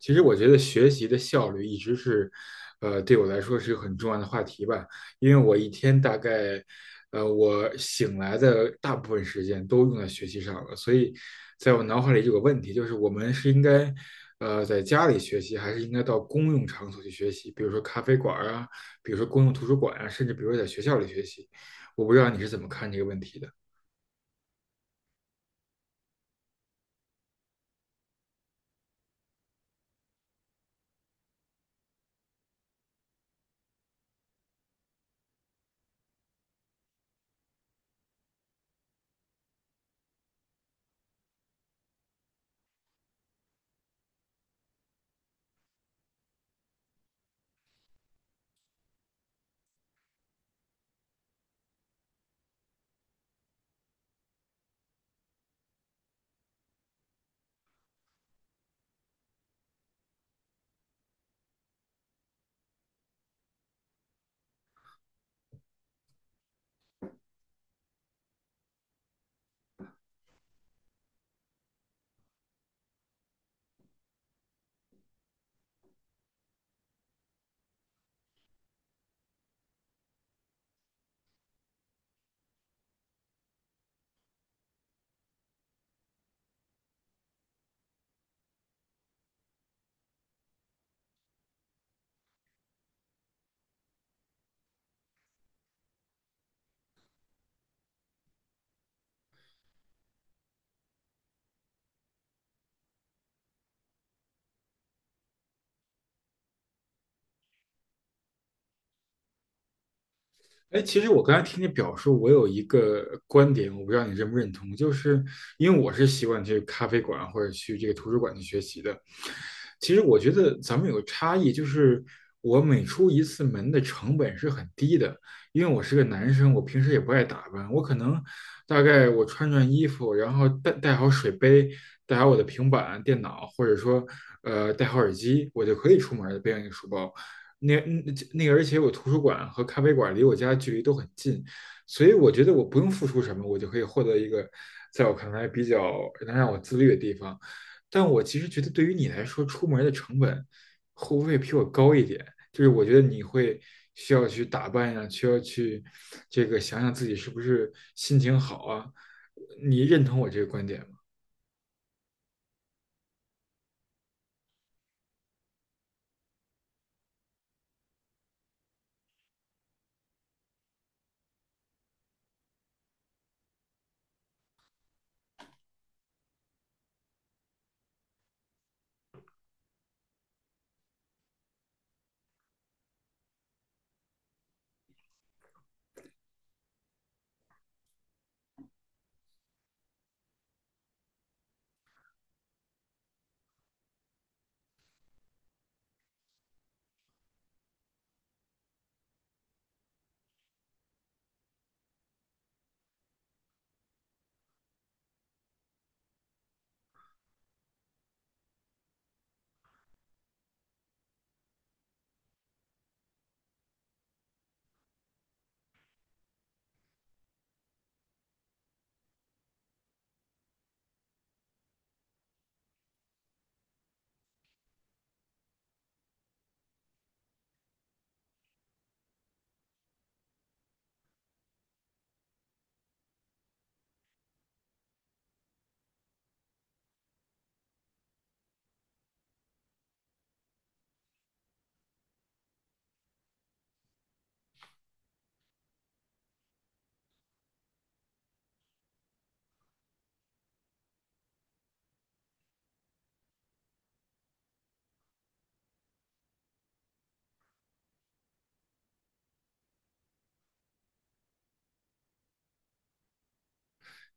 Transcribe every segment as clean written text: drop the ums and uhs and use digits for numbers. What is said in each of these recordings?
其实我觉得学习的效率一直是，对我来说是个很重要的话题吧。因为我一天大概，我醒来的大部分时间都用在学习上了，所以在我脑海里有个问题，就是我们是应该，在家里学习，还是应该到公用场所去学习，比如说咖啡馆儿啊，比如说公用图书馆啊，甚至比如说在学校里学习。我不知道你是怎么看这个问题的。哎，其实我刚才听你表述，我有一个观点，我不知道你认不认同，就是因为我是习惯去咖啡馆或者去这个图书馆去学习的。其实我觉得咱们有个差异，就是我每出一次门的成本是很低的，因为我是个男生，我平时也不爱打扮，我可能大概我穿衣服，然后带好水杯，带好我的平板、电脑，或者说带好耳机，我就可以出门了，背上一个书包。那，而且我图书馆和咖啡馆离我家距离都很近，所以我觉得我不用付出什么，我就可以获得一个在我看来比较能让我自律的地方。但我其实觉得，对于你来说，出门的成本会不会比我高一点？就是我觉得你会需要去打扮呀、需要去这个想想自己是不是心情好啊。你认同我这个观点？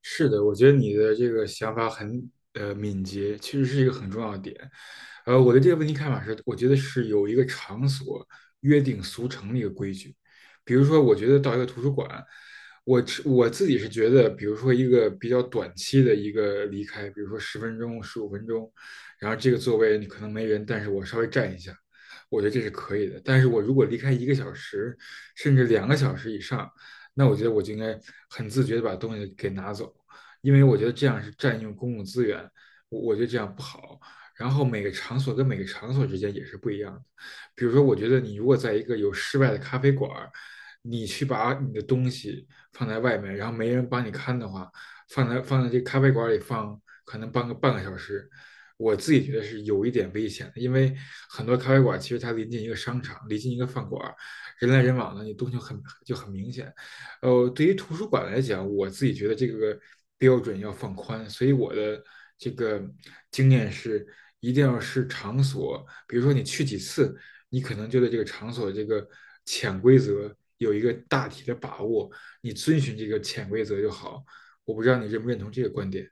是的，我觉得你的这个想法很敏捷，其实是一个很重要的点。我对这个问题看法是，我觉得是有一个场所约定俗成的一个规矩。比如说，我觉得到一个图书馆，我自己是觉得，比如说一个比较短期的一个离开，比如说十分钟、15分钟，然后这个座位你可能没人，但是我稍微站一下，我觉得这是可以的。但是我如果离开一个小时，甚至2个小时以上，那我觉得我就应该很自觉的把东西给拿走，因为我觉得这样是占用公共资源，我觉得这样不好。然后每个场所跟每个场所之间也是不一样的，比如说，我觉得你如果在一个有室外的咖啡馆你去把你的东西放在外面，然后没人帮你看的话，放在这咖啡馆里放，可能半个小时，我自己觉得是有一点危险的，因为很多咖啡馆其实它临近一个商场，临近一个饭馆人来人往的，你东西就很明显。对于图书馆来讲，我自己觉得这个标准要放宽，所以我的这个经验是，一定要是场所，比如说你去几次，你可能就对这个场所这个潜规则有一个大体的把握，你遵循这个潜规则就好。我不知道你认不认同这个观点。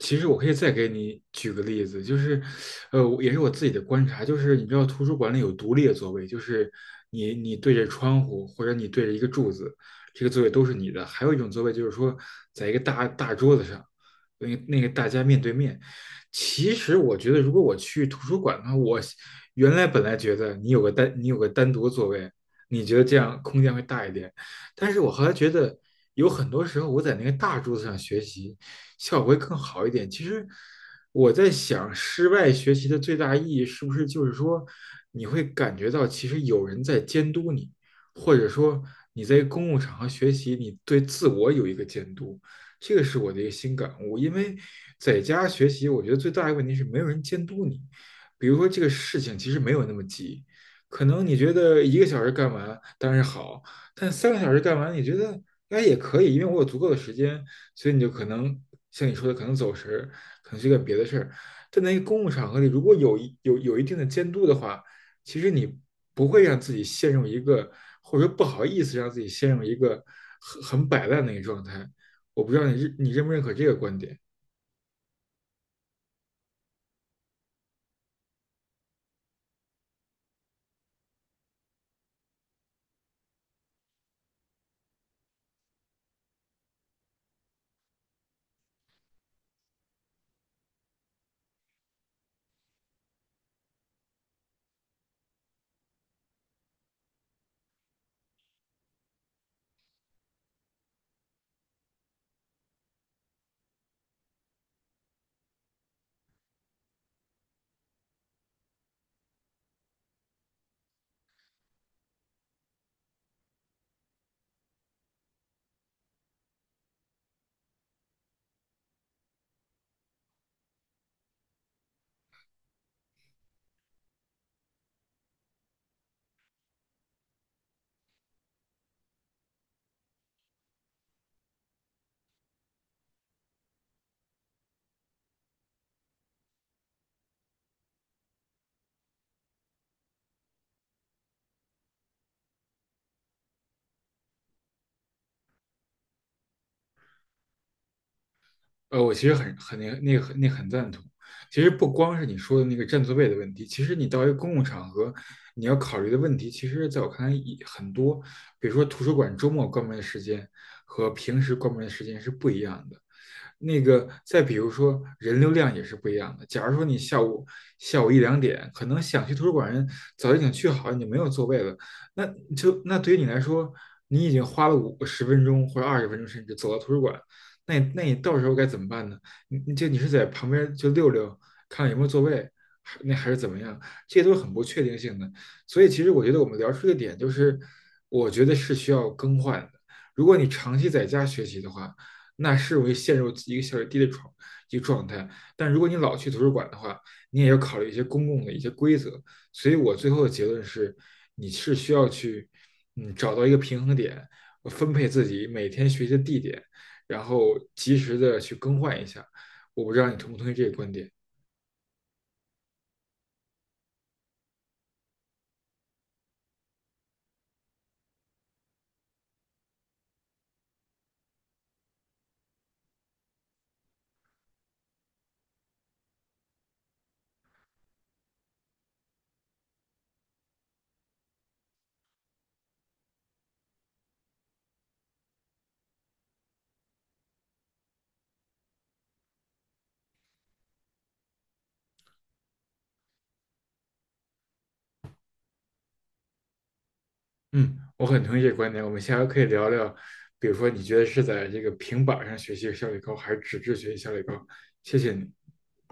其实我可以再给你举个例子，就是，我也是我自己的观察，就是你知道图书馆里有独立的座位，就是你对着窗户或者你对着一个柱子，这个座位都是你的。还有一种座位就是说，在一个大桌子上，大家面对面。其实我觉得，如果我去图书馆的话，我原来本来觉得你有个单你有个单独的座位，你觉得这样空间会大一点，但是我后来觉得有很多时候我在那个大桌子上学习。效果会更好一点。其实我在想，室外学习的最大意义是不是就是说，你会感觉到其实有人在监督你，或者说你在公共场合学习，你对自我有一个监督。这个是我的一个新感悟，因为在家学习，我觉得最大的问题是没有人监督你。比如说这个事情其实没有那么急，可能你觉得一个小时干完当然好，但3个小时干完你觉得哎也可以，因为我有足够的时间，所以你就可能像你说的，可能走神，可能去干别的事儿。但在一个公共场合里，如果有一定的监督的话，其实你不会让自己陷入一个，或者说不好意思让自己陷入一个很摆烂的一个状态。我不知道你认不认可这个观点。我其实很很那个那个很那个很赞同。其实不光是你说的那个占座位的问题，其实你到一个公共场合，你要考虑的问题，其实在我看来也很多。比如说图书馆周末关门的时间和平时关门的时间是不一样的。再比如说人流量也是不一样的。假如说你下午一两点，可能想去图书馆人早已经去好了，你没有座位了，那那对于你来说，你已经花了50分钟或者20分钟，甚至走到图书馆，那你那你到时候该怎么办呢？你是在旁边就溜溜，看看有没有座位，还是怎么样？这些都是很不确定性的。所以其实我觉得我们聊出一个点，就是我觉得是需要更换的。如果你长期在家学习的话，那是容易陷入一个效率低的一个状态。但如果你老去图书馆的话，你也要考虑一些公共的一些规则。所以我最后的结论是，你是需要去找到一个平衡点，分配自己每天学习的地点，然后及时的去更换一下。我不知道你同不同意这个观点。嗯，我很同意这个观点。我们下回可以聊聊，比如说你觉得是在这个平板上学习效率高，还是纸质学习效率高？谢谢你。